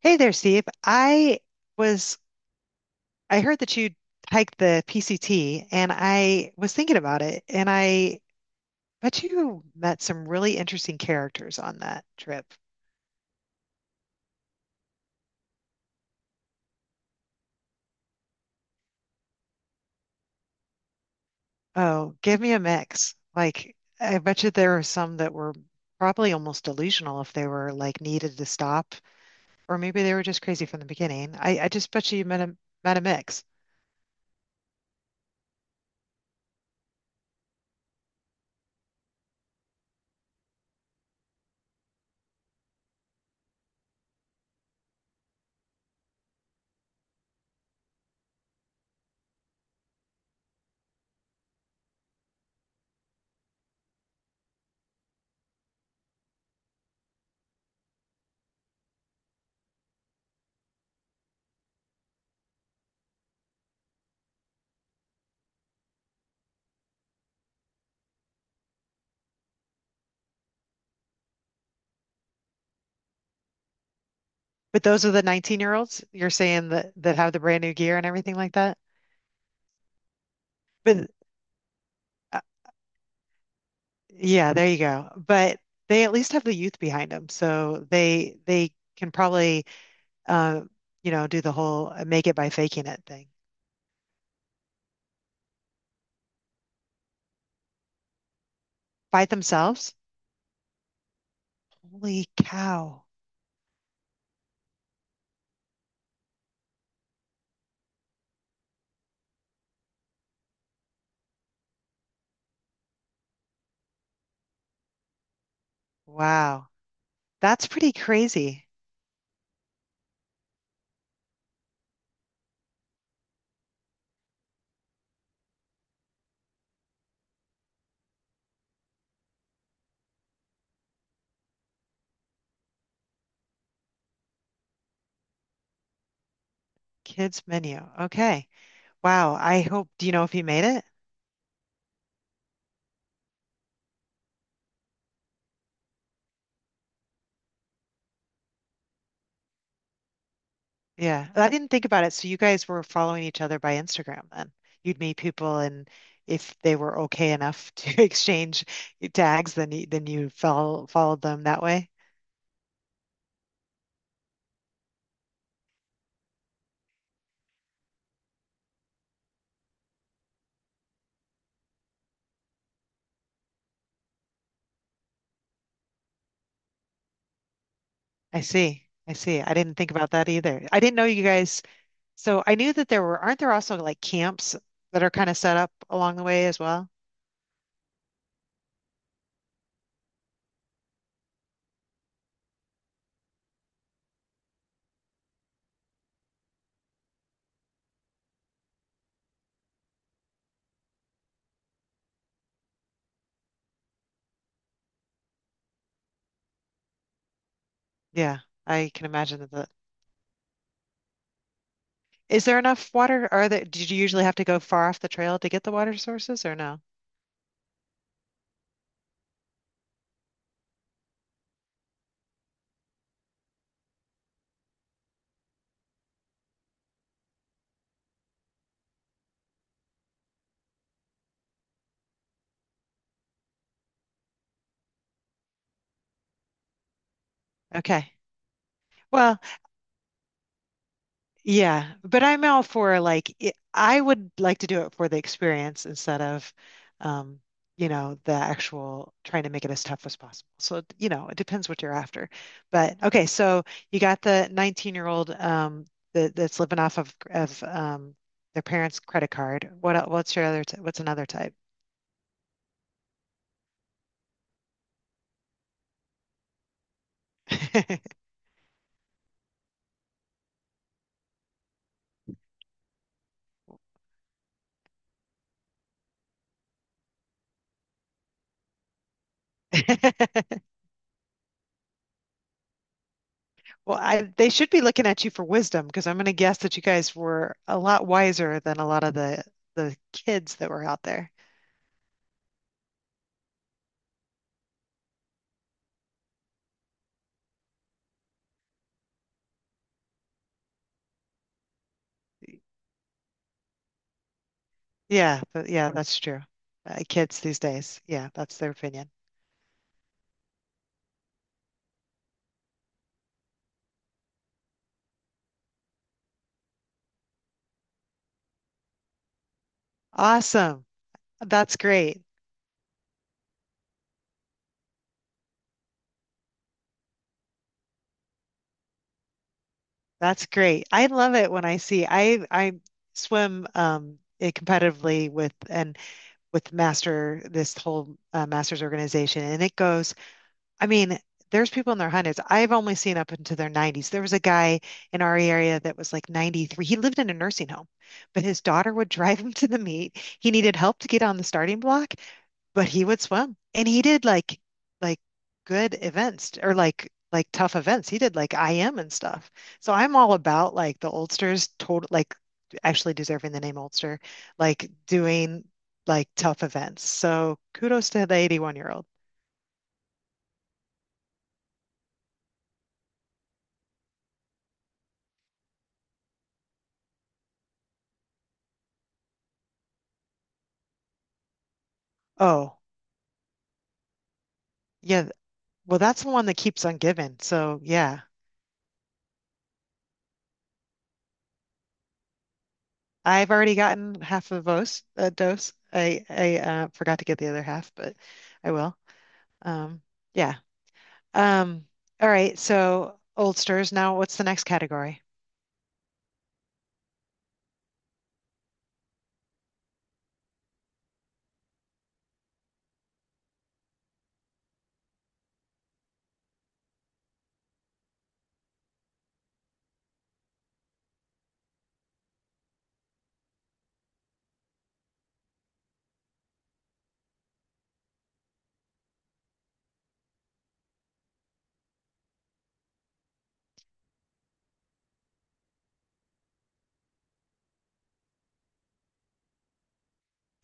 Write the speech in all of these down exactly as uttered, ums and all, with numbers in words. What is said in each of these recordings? Hey there, Steve. I was I heard that you hiked the P C T, and I was thinking about it, and I bet you met some really interesting characters on that trip. Oh, give me a mix. Like, I bet you there were some that were probably almost delusional if they were like needed to stop, or maybe they were just crazy from the beginning. I, I just bet you you met a met a mix. But those are the nineteen year olds you're saying that that have the brand new gear and everything like that. But Yeah, there you go. But they at least have the youth behind them, so they they can probably uh, you know, do the whole uh, make it by faking it thing. Fight themselves? Holy cow. Wow. That's pretty crazy. Kids menu. Okay. Wow. I hope, do you know if he made it? Yeah. I didn't think about it. So you guys were following each other by Instagram then. You'd meet people, and if they were okay enough to exchange tags, then you, then you follow, followed them that way. I see. I see. I didn't think about that either. I didn't know you guys. So I knew that there were, aren't there also like camps that are kind of set up along the way as well? Yeah, I can imagine that. the- Is there enough water? Are there, did you usually have to go far off the trail to get the water sources or no? Okay. Well, yeah, but I'm all for like it, I would like to do it for the experience instead of, um, you know, the actual trying to make it as tough as possible. So, you know, it depends what you're after. But okay, so you got the nineteen-year-old um that, that's living off of of um their parents' credit card. What el- what's your other t what's another type? Well, I they should be looking at you for wisdom, because I'm going to guess that you guys were a lot wiser than a lot of the the kids that were out there. Yeah, but yeah, that's true. Uh, kids these days, yeah, that's their opinion. Awesome. That's great. That's great. I love it when I see I I swim um eh, competitively with and with Master this whole uh, Masters organization, and it goes, I mean, there's people in their hundreds. I've only seen up into their nineties. There was a guy in our area that was like ninety-three. He lived in a nursing home, but his daughter would drive him to the meet. He needed help to get on the starting block, but he would swim, and he did like like good events, or like like tough events. He did like I M and stuff. So I'm all about like the Ulsters total, like actually deserving the name Ulster, like doing like tough events. So kudos to the eighty-one year old. Oh, yeah. Well, that's the one that keeps on giving. So yeah, I've already gotten half of those a dose. I I uh, forgot to get the other half, but I will. Um, yeah. Um, all right, so oldsters. Now, what's the next category?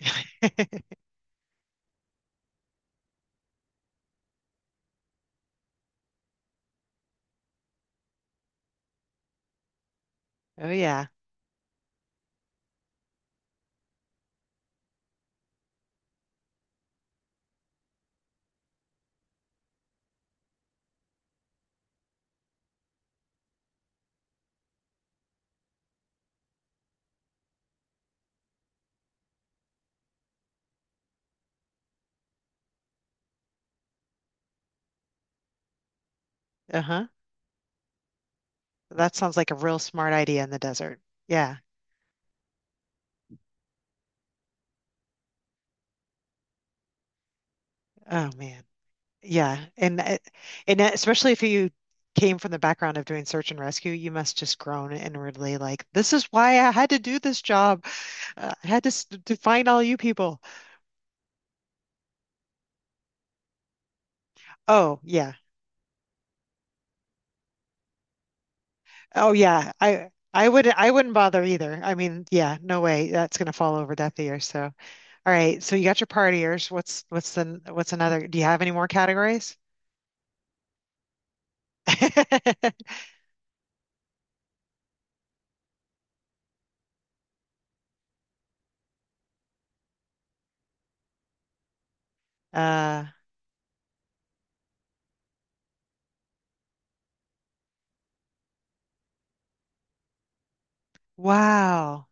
Oh yeah. Uh-huh. That sounds like a real smart idea in the desert. Yeah. Oh man. Yeah. And uh, and uh, especially if you came from the background of doing search and rescue, you must just groan inwardly like, this is why I had to do this job. Uh, I had to s- to find all you people. Oh yeah. Oh yeah. I I would I wouldn't bother either. I mean, yeah, no way. That's gonna fall over deaf ears. So. All right, so you got your partiers. What's what's the what's another? Do you have any more categories? Uh, wow.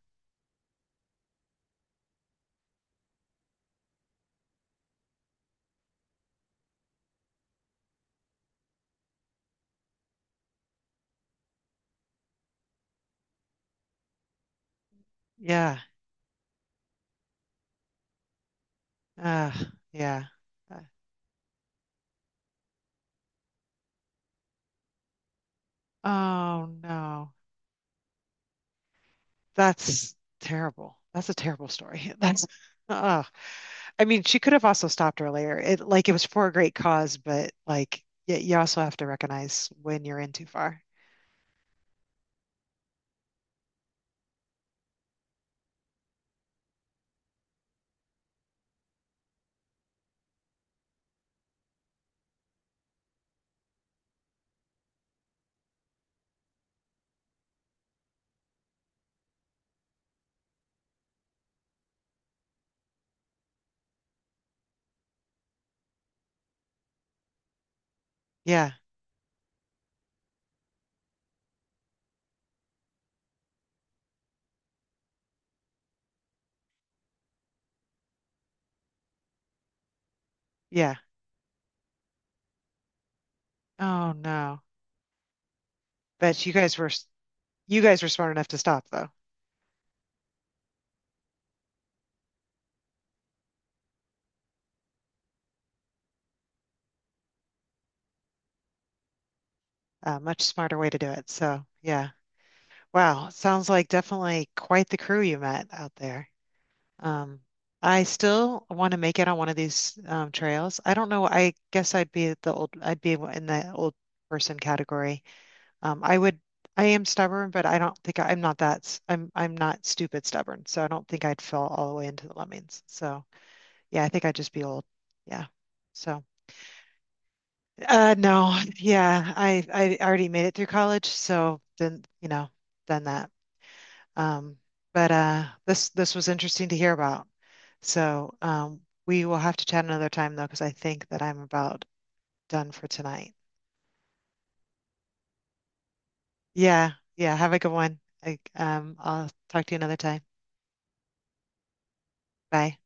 Yeah. Uh, yeah. Uh, oh no. That's terrible. That's a terrible story. That's oh. I mean, she could have also stopped earlier. It like it was for a great cause, but like yeah, you also have to recognize when you're in too far. Yeah. Yeah. Oh no. But you guys were s- you guys were smart enough to stop though. A much smarter way to do it. So, yeah. Wow. Sounds like definitely quite the crew you met out there. Um, I still want to make it on one of these um, trails. I don't know. I guess I'd be the old, I'd be in the old person category. Um, I would, I am stubborn, but I don't think I, am not that, s- I'm, I'm not stupid stubborn. So I don't think I'd fall all the way into the lemmings. So yeah, I think I'd just be old. Yeah. So. Uh, no, yeah, I I already made it through college, so then you know, done that. Um, but uh, this this was interesting to hear about. So um, we will have to chat another time though, because I think that I'm about done for tonight. Yeah, yeah. Have a good one. I, um, I'll talk to you another time. Bye.